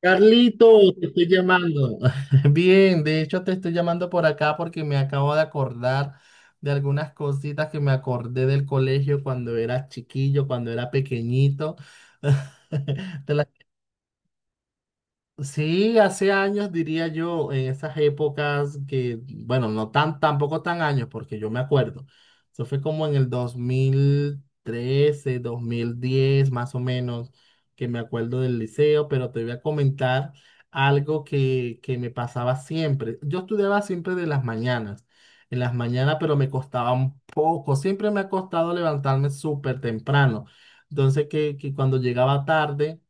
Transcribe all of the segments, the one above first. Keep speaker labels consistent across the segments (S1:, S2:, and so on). S1: Carlito, te estoy llamando. Bien, de hecho te estoy llamando por acá porque me acabo de acordar de algunas cositas que me acordé del colegio cuando era chiquillo, cuando era pequeñito. Te Sí, hace años diría yo, en esas épocas que, bueno, tampoco tan años, porque yo me acuerdo. Eso fue como en el 2013 2010 más o menos, que me acuerdo del liceo, pero te voy a comentar algo que me pasaba siempre. Yo estudiaba siempre de las mañanas, en las mañanas, pero me costaba un poco. Siempre me ha costado levantarme súper temprano. Entonces, que cuando llegaba tarde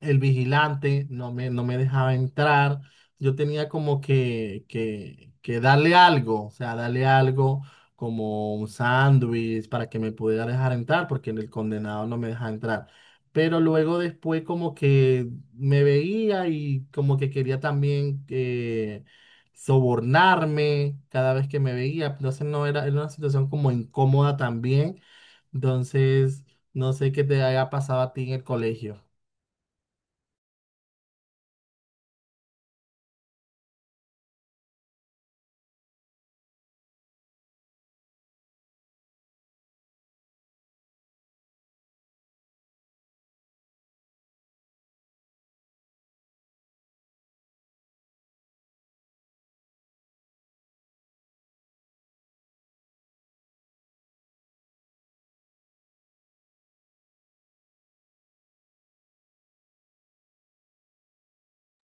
S1: el vigilante no me dejaba entrar. Yo tenía como que darle algo, o sea, darle algo como un sándwich para que me pudiera dejar entrar, porque el condenado no me dejaba entrar. Pero luego después como que me veía y como que quería también sobornarme cada vez que me veía. Entonces no era, era una situación como incómoda también. Entonces, no sé qué te haya pasado a ti en el colegio.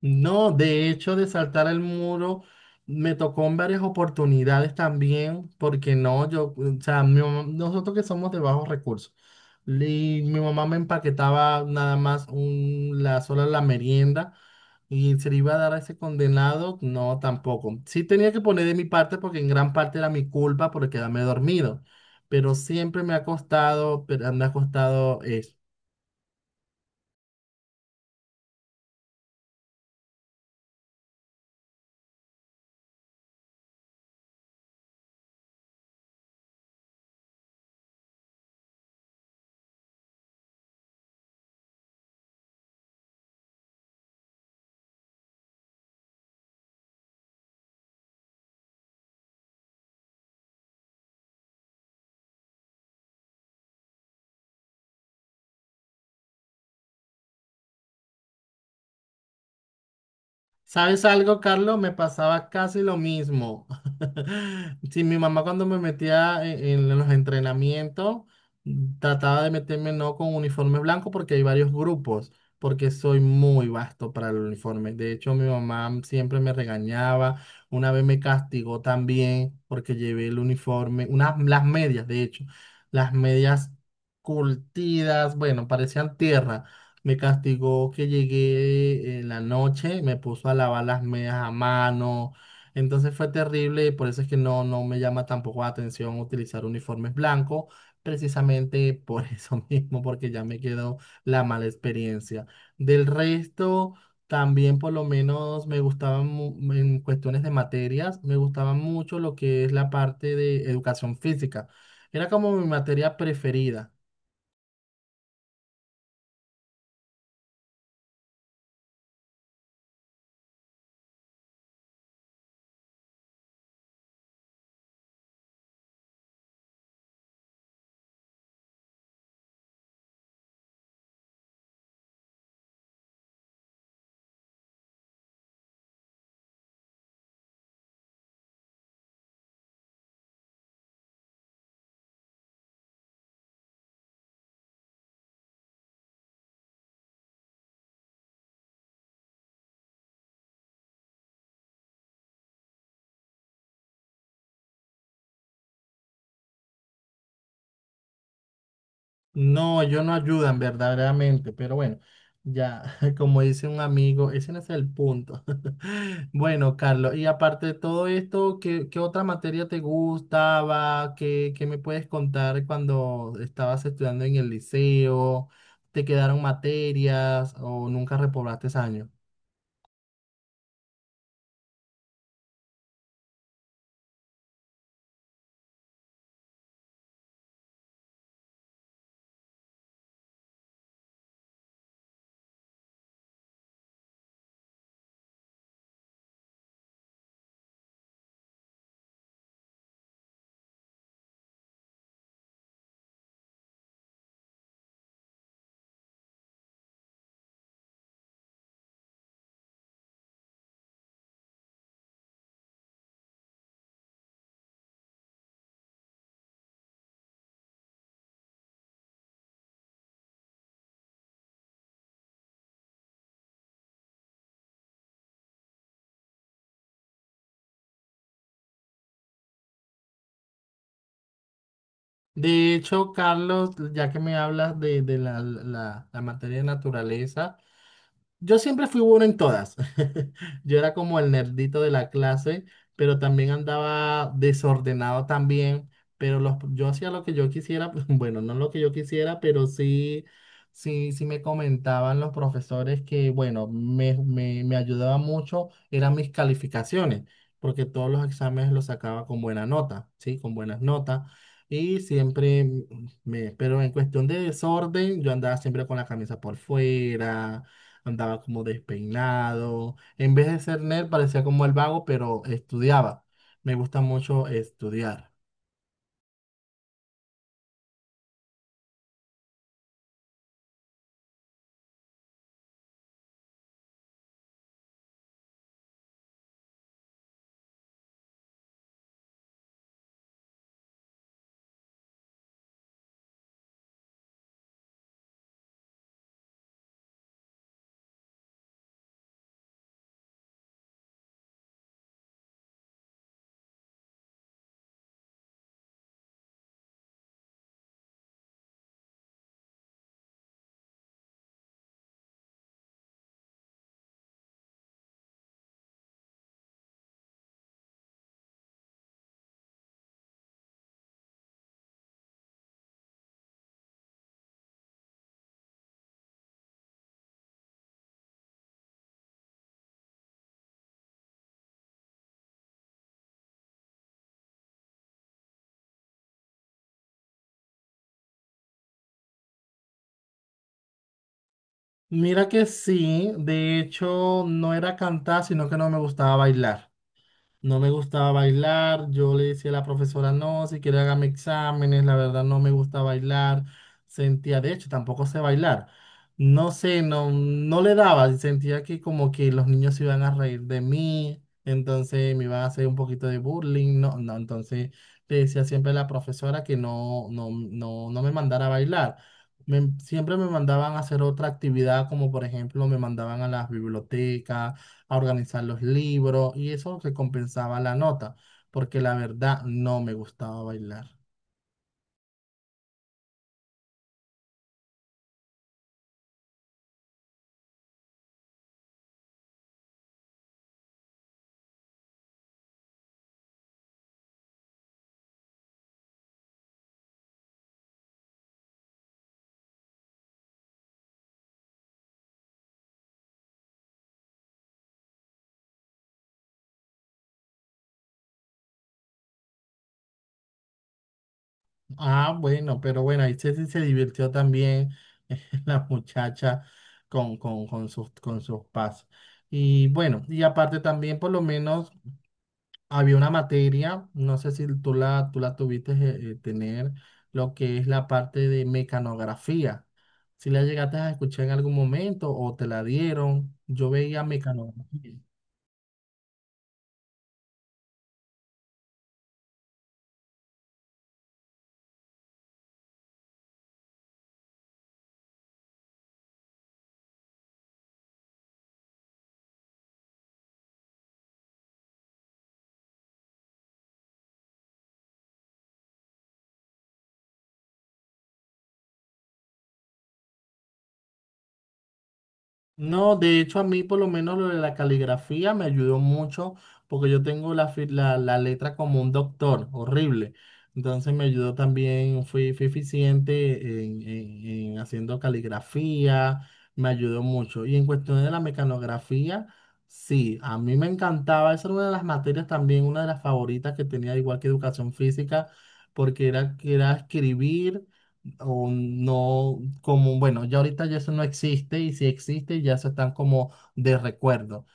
S1: No, de hecho, de saltar el muro me tocó en varias oportunidades también, porque no, yo, o sea, nosotros que somos de bajos recursos, y mi mamá me empaquetaba nada más la sola la merienda y se le iba a dar a ese condenado, no, tampoco. Sí tenía que poner de mi parte porque en gran parte era mi culpa por quedarme dormido, pero siempre me ha costado, pero me ha costado eso. ¿Sabes algo, Carlos? Me pasaba casi lo mismo. Sí, mi mamá cuando me metía en los entrenamientos, trataba de meterme no con uniforme blanco porque hay varios grupos, porque soy muy vasto para el uniforme. De hecho, mi mamá siempre me regañaba. Una vez me castigó también porque llevé el uniforme, unas, las medias, de hecho, las medias curtidas, bueno, parecían tierra. Me castigó que llegué en la noche, me puso a lavar las medias a mano. Entonces fue terrible y por eso es que no, no me llama tampoco la atención utilizar uniformes blancos, precisamente por eso mismo, porque ya me quedó la mala experiencia. Del resto, también por lo menos me gustaban en cuestiones de materias, me gustaba mucho lo que es la parte de educación física. Era como mi materia preferida. No, ellos no ayudan verdaderamente, pero bueno, ya, como dice un amigo, ese no es el punto. Bueno, Carlos, y aparte de todo esto, ¿qué, qué otra materia te gustaba? ¿Qué, qué me puedes contar cuando estabas estudiando en el liceo? ¿Te quedaron materias o nunca reprobaste ese año? De hecho, Carlos, ya que me hablas de la materia de naturaleza, yo siempre fui bueno en todas. Yo era como el nerdito de la clase, pero también andaba desordenado también, pero los, yo hacía lo que yo quisiera, bueno, no lo que yo quisiera, pero sí, sí, sí me comentaban los profesores que, bueno, me ayudaba mucho, eran mis calificaciones, porque todos los exámenes los sacaba con buena nota, ¿sí? Con buenas notas. Y siempre pero en cuestión de desorden, yo andaba siempre con la camisa por fuera, andaba como despeinado. En vez de ser nerd, parecía como el vago, pero estudiaba. Me gusta mucho estudiar. Mira que sí, de hecho no era cantar, sino que no me gustaba bailar. No me gustaba bailar, yo le decía a la profesora, no, si quiere hágame exámenes, la verdad no me gusta bailar, sentía, de hecho, tampoco sé bailar, no sé, no, no le daba, y sentía que como que los niños se iban a reír de mí, entonces me iban a hacer un poquito de bullying, no, no, entonces le decía siempre a la profesora que no, no, no, no me mandara a bailar. Siempre me mandaban a hacer otra actividad, como por ejemplo me mandaban a las bibliotecas a organizar los libros y eso recompensaba la nota, porque la verdad no me gustaba bailar. Ah, bueno, pero bueno, ahí Ceci se divirtió también la muchacha con sus, con sus pasos. Y bueno, y aparte también por lo menos había una materia, no sé si tú la tuviste tener, lo que es la parte de mecanografía. Si la llegaste a escuchar en algún momento o te la dieron, yo veía mecanografía. No, de hecho a mí por lo menos lo de la caligrafía me ayudó mucho porque yo tengo la, la letra como un doctor, horrible. Entonces me ayudó también, fui eficiente en, en haciendo caligrafía, me ayudó mucho. Y en cuestión de la mecanografía, sí, a mí me encantaba, esa era una de las materias también, una de las favoritas que tenía igual que educación física, porque era, que era escribir o no, como, bueno, ya ahorita ya eso no existe y si existe ya se están como de recuerdo.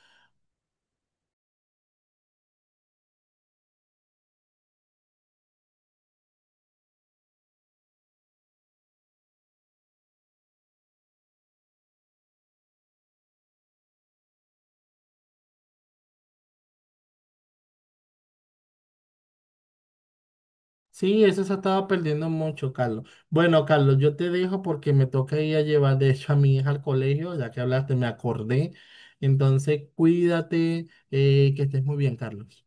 S1: Sí, eso se estaba perdiendo mucho, Carlos. Bueno, Carlos, yo te dejo porque me toca ir a llevar, de hecho, a mi hija al colegio, ya que hablaste, me acordé. Entonces, cuídate, que estés muy bien, Carlos.